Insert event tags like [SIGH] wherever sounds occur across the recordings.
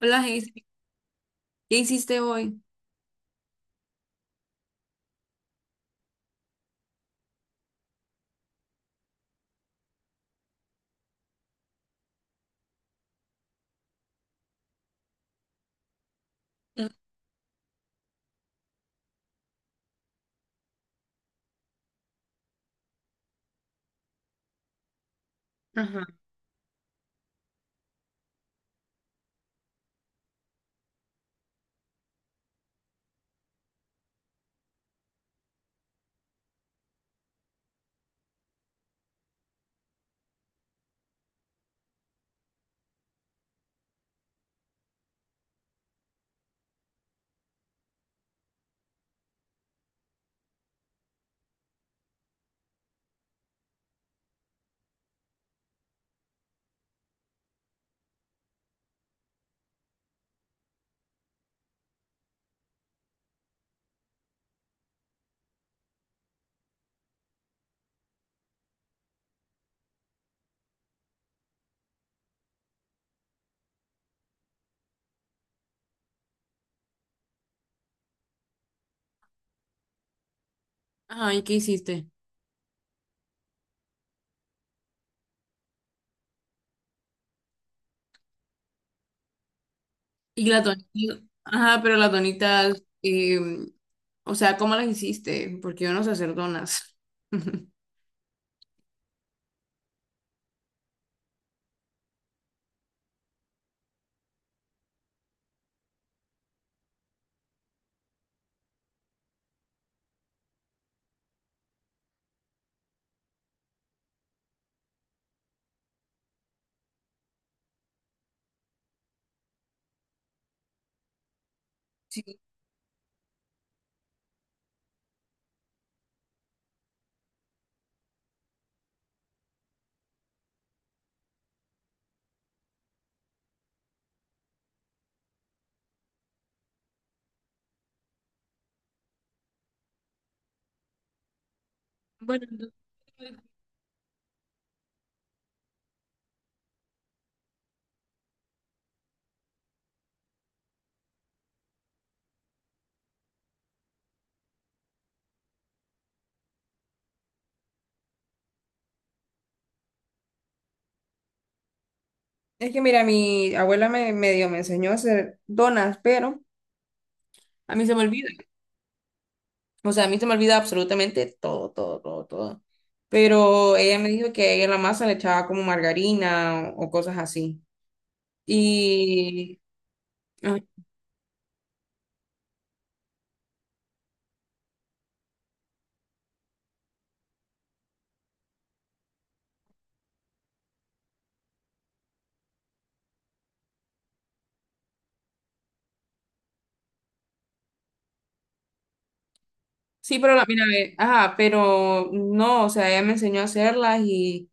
Hola, Hazel, ¿qué hiciste hoy? Mm. Ajá. Ajá, ¿y qué hiciste? Y la tonita, ajá, pero las donitas, o sea, ¿cómo las hiciste? Porque yo no sé hacer donas. [LAUGHS] Bueno, entonces- Es que mira, mi abuela me medio me enseñó a hacer donas, pero a mí se me olvida. O sea, a mí se me olvida absolutamente todo, todo, todo, todo. Pero ella me dijo que ella en la masa le echaba como margarina o cosas así. Y ah, sí, pero la, mira, ve, ajá, pero no, o sea, ella me enseñó a hacerlas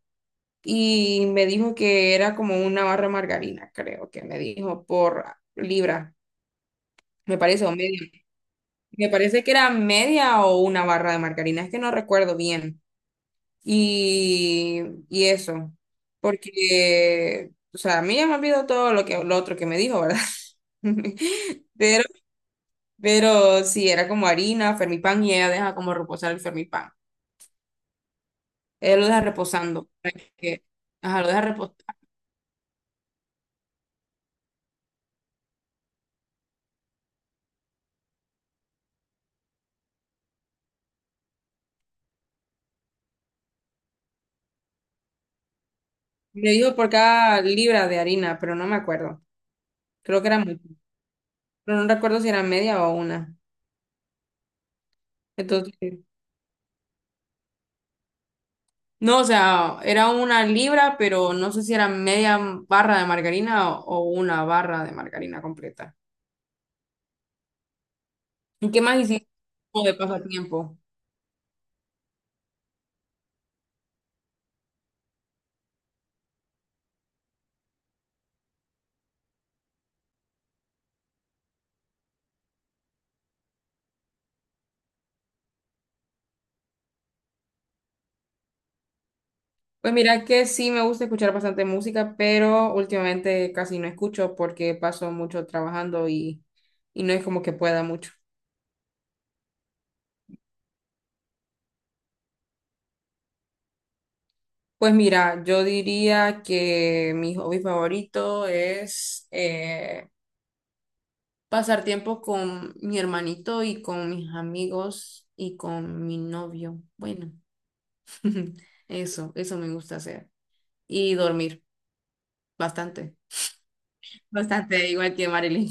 y me dijo que era como una barra de margarina, creo que me dijo, por libra, me parece, o media. Me parece que era media o una barra de margarina, es que no recuerdo bien. Y, y eso, porque, o sea, a mí ya me olvidó todo lo que, lo otro que me dijo, ¿verdad? [LAUGHS] Pero, pero sí, era como harina, fermipan, y ella deja como reposar el fermipan. Ella lo deja reposando, para que, ajá, lo deja reposar. Me dijo por cada libra de harina, pero no me acuerdo. Creo que era mucho, pero no recuerdo si era media o una. Entonces, no, o sea, era una libra, pero no sé si era media barra de margarina o una barra de margarina completa. ¿Y ¿Qué más hiciste como de pasatiempo? Pues mira que sí me gusta escuchar bastante música, pero últimamente casi no escucho porque paso mucho trabajando y no es como que pueda mucho. Pues mira, yo diría que mi hobby favorito es pasar tiempo con mi hermanito y con mis amigos y con mi novio. Bueno, [LAUGHS] eso me gusta hacer. Y dormir bastante, bastante, igual que Marilyn.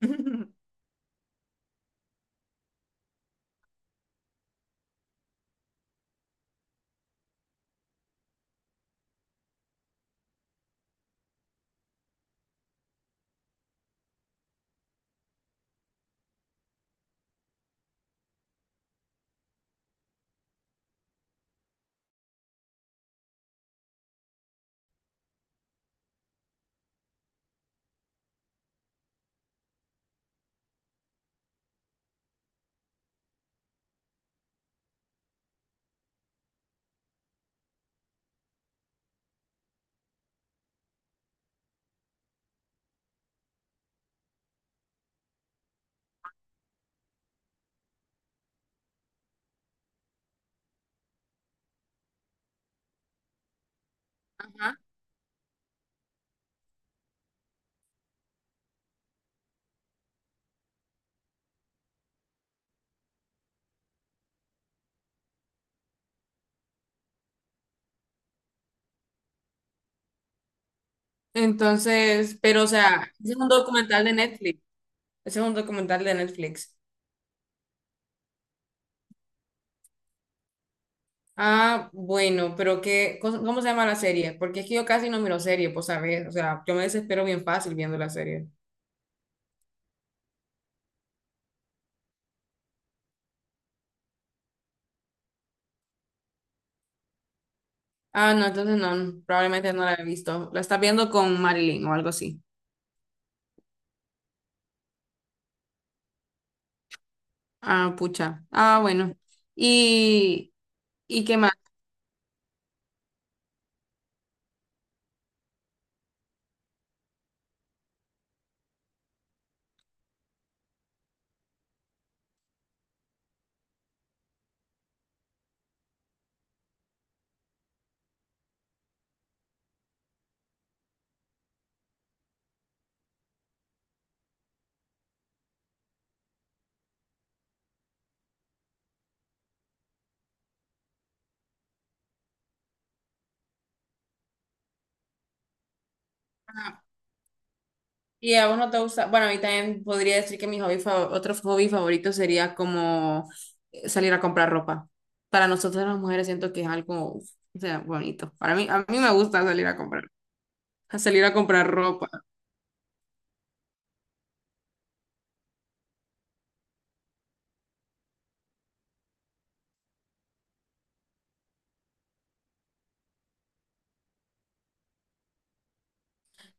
[LAUGHS] Entonces, pero o sea, ese es un documental de Netflix. Ese es un documental de Netflix. Ah, bueno, pero qué, cos- ¿cómo se llama la serie? Porque es que yo casi no miro serie, pues sabes, o sea, yo me desespero bien fácil viendo la serie. Ah, no, entonces no, probablemente no la he visto. La estás viendo con Marilyn o algo así. Ah, pucha. Ah, bueno. ¿Y, y qué más? Y a vos no te gusta, bueno, a mí también podría decir que mi hobby fa- otro hobby favorito sería como salir a comprar ropa. Para nosotras las mujeres siento que es algo, o sea, bonito. Para mí, a mí me gusta salir a comprar, a salir a comprar ropa.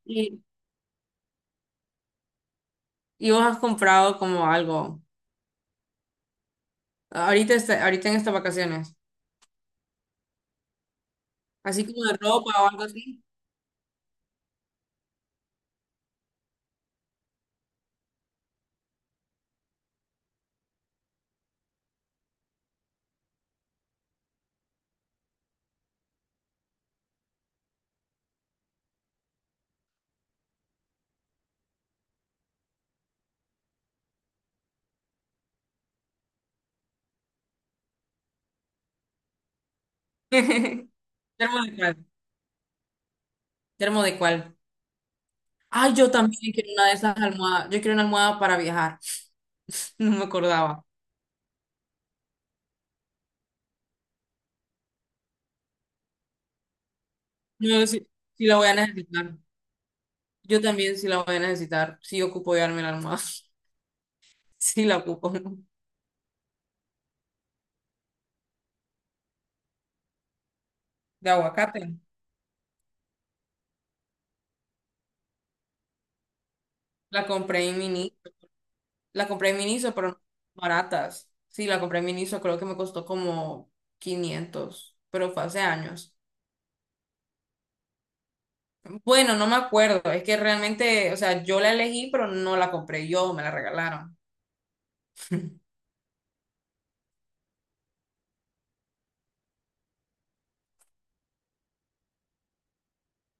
Y, y vos has comprado como algo, ahorita, este- ahorita en estas vacaciones, así como de ropa o algo así. [LAUGHS] ¿Termo de cuál? ¿Termo de cuál? Ay, yo también quiero una de esas almohadas. Yo quiero una almohada para viajar. [LAUGHS] No me acordaba. No sé si, si la voy a necesitar. Yo también sí la voy a necesitar. Sí ocupo llevarme la almohada. [LAUGHS] Sí la ocupo. De aguacate. La compré en Miniso. La compré en Miniso, pero no baratas. Sí, la compré en Miniso. Creo que me costó como 500 pero fue hace años. Bueno, no me acuerdo. Es que realmente, o sea, yo la elegí, pero no la compré yo. Me la regalaron.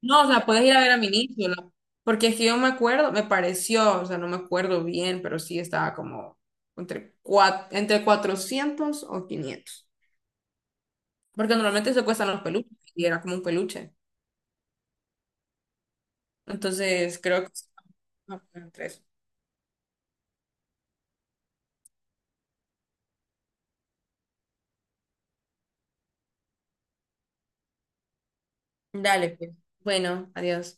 No, o sea, puedes ir a ver a Miniso. La- Porque es que yo me acuerdo, me pareció, o sea, no me acuerdo bien, pero sí estaba como entre, cuat- entre 400 o 500. Porque normalmente se cuestan los peluches y era como un peluche. Entonces creo que... Ah, bueno, entre eso. Dale, pues. Bueno, adiós.